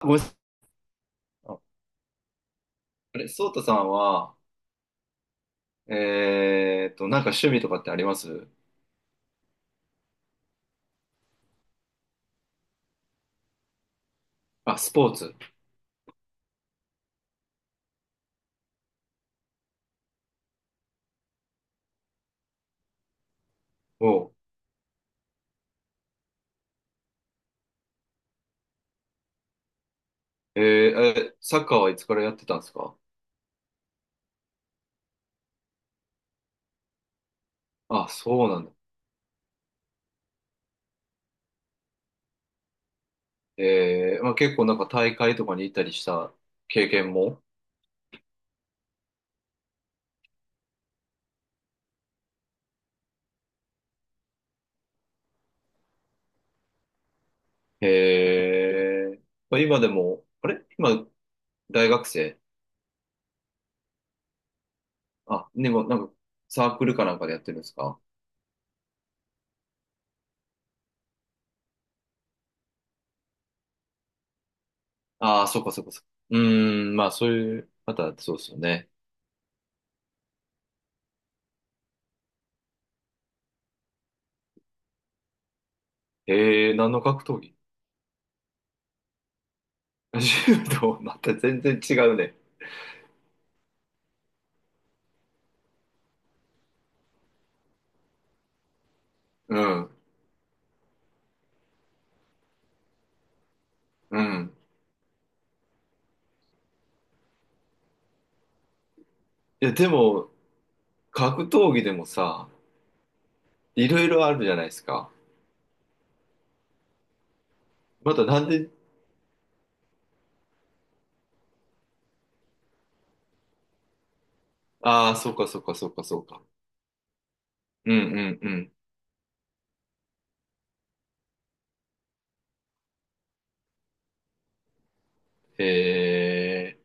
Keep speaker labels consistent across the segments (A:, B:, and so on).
A: ごめんなさい。あ、あれ、ソータさんは、なんか趣味とかってあります？あ、スポーツ。おう。えー、え、サッカーはいつからやってたんですか？あ、そうなんだ。えー、まあ、結構なんか大会とかに行ったりした経験も。えー、まあ、今でも、あれ今、大学生？あ、でもなんかサークルかなんかでやってるんですか？ああー、そっかそっかそっか。うーん、まあそういう、またそうですよね。えー、何の格闘技？柔道、また全然違うね。うん。うん。いや、でも、格闘技でもさ、いろいろあるじゃないですか。またなんで？ああ、そうかそうかそうかそうか。うんうんうん。へえ。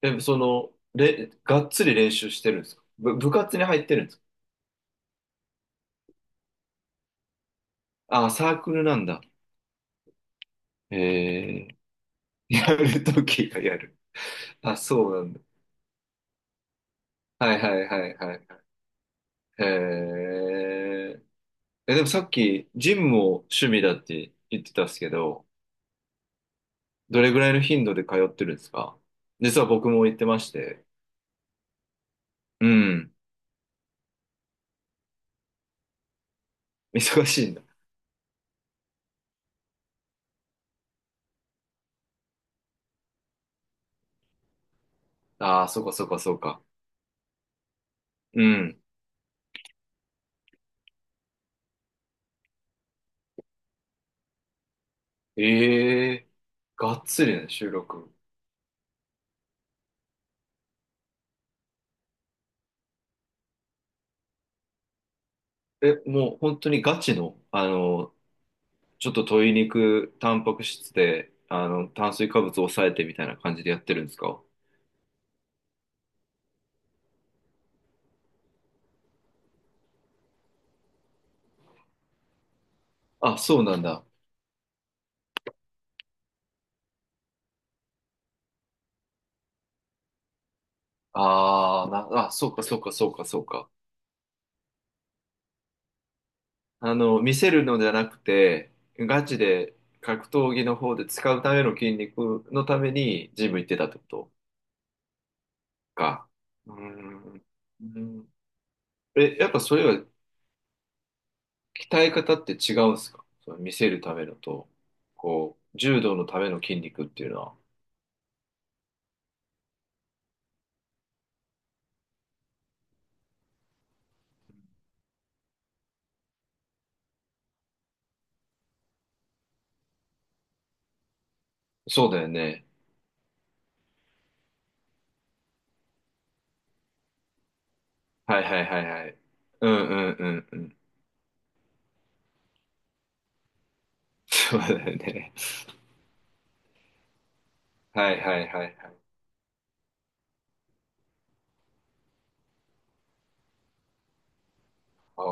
A: でも、その、がっつり練習してるんですか？部活に入ってるんですか？ああー、サークルなんだ。へえ。やるときがやる。あ、そうなんだ。はいはいはいはいはい。へえ、でもさっき、ジムも趣味だって言ってたんですけど、どれぐらいの頻度で通ってるんですか？実は僕も行ってまして。うん。忙しいんだ。ああ、そうかそうかそうか。うん。ええ、がっつりね、収録。え、もう本当にガチの、あの、ちょっと鶏肉、タンパク質で、あの、炭水化物を抑えてみたいな感じでやってるんですか？あ、そうなんだ。ああ、な、あ、そうかそうかそうかそうか。あの、見せるのじゃなくて、ガチで格闘技の方で使うための筋肉のためにジム行ってたってことか。うーん。うん、え、やっぱそれは鍛え方って違うんですか？その見せるためのと、こう、柔道のための筋肉っていうのは。そうだよね。はいはいはいはい。うんうんうんうん。そうだよね。はいはいはいはい。お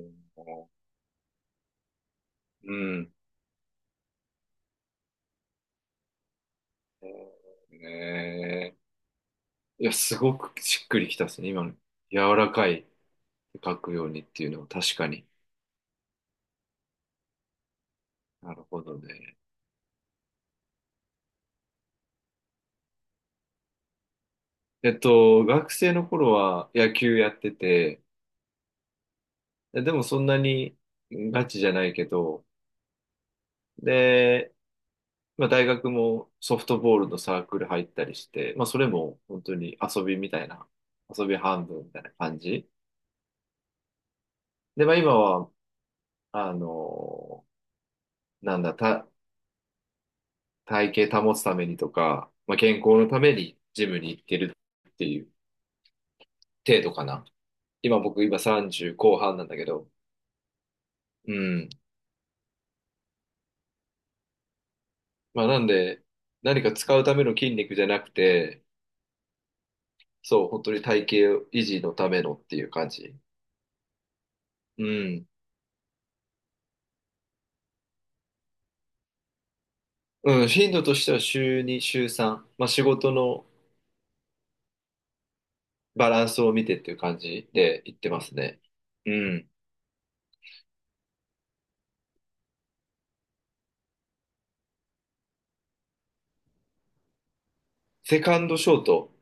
A: ー。うん。ねえ、いや、すごくしっくりきたですね。今の柔らかい書くようにっていうのは確かに。なるほどね。えっと、学生の頃は野球やってて、で、でもそんなにガチじゃないけど、で、まあ大学もソフトボールのサークル入ったりして、まあそれも本当に遊びみたいな、遊び半分みたいな感じ。で、まあ今は、あの、なんだ、体型保つためにとか、まあ健康のためにジムに行ってるっていう程度かな。今僕今30後半なんだけど。うん。まあなんで、何か使うための筋肉じゃなくて、そう、本当に体型維持のためのっていう感じ。うん。うん、頻度としては週2、週3。まあ仕事のバランスを見てっていう感じで言ってますね。うん。セカンドショート。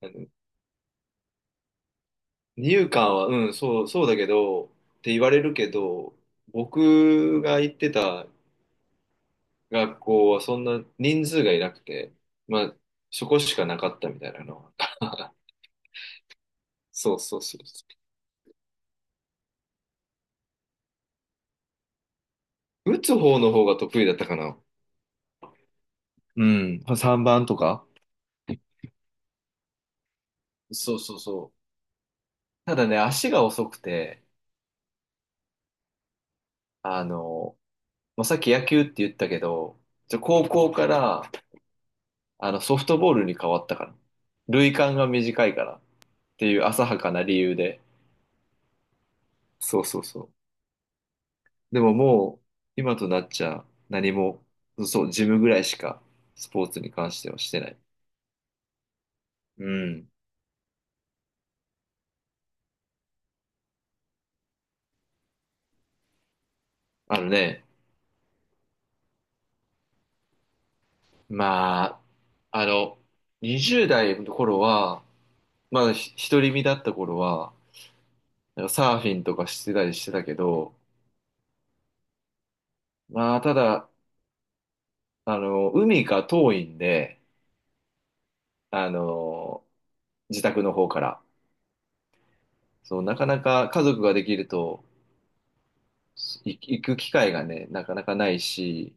A: あの、二遊間は、うん、そう、そうだけど、って言われるけど、僕が言ってた学校はそんな人数がいなくて、まあ、そこしかなかったみたいなのは。そうそうそうそう。打つ方の方が得意だったかな。うん。3番とか。そうそうそう。ただね、足が遅くて、あの、まあ、さっき野球って言ったけど、じゃ高校からあのソフトボールに変わったから。塁間が短いからっていう浅はかな理由で。そうそうそう。でももう、今となっちゃ、何も、そう、ジムぐらいしか、スポーツに関してはしてない。うん。あのね、まあ、あの、20代の頃は、まだ独り身だった頃は、なんかサーフィンとかしてたりしてたけど、まあ、ただ、あの、海が遠いんで、あの、自宅の方から。そう、なかなか家族ができると、行く機会がね、なかなかないし、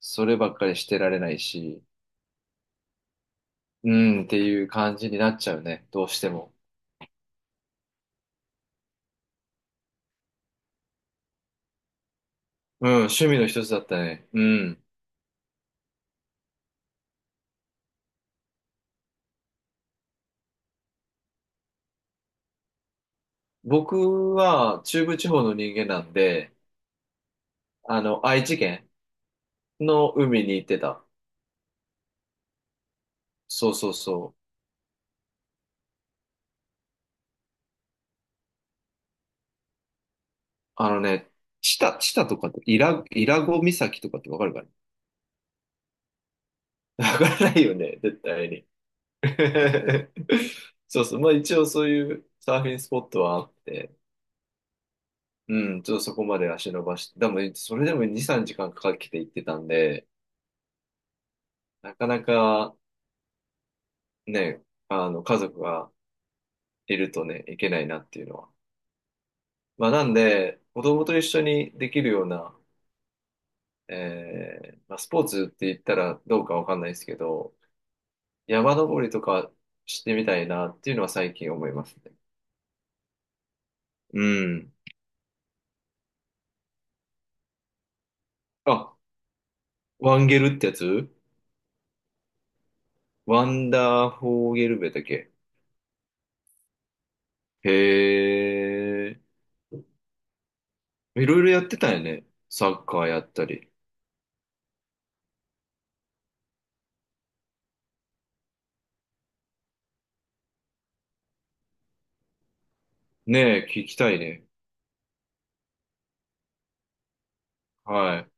A: そればっかりしてられないし、うん、っていう感じになっちゃうね。どうしても。うん、趣味の一つだったね。うん。僕は中部地方の人間なんで、あの、愛知県の海に行ってた。そうそうそう。あのね、知多とかって、伊良湖岬とかってわかるかね？ わからないよね、絶対に。そうそう。まあ一応そういうサーフィンスポットはあって、うん、ちょっとそこまで足伸ばして、でも、それでも2、3時間かけて行ってたんで、なかなか、ね、あの、家族がいるとね、いけないなっていうのは。まあ、なんで、子供と一緒にできるような、えーまあ、スポーツって言ったらどうかわかんないですけど、山登りとかしてみたいなっていうのは最近思いますね。うん。あ、ワンゲルってやつ？ワンダーフォーゲルベだっけ？へえ。いろいろやってたよね。サッカーやったり。ねえ、聞きたいね。はい。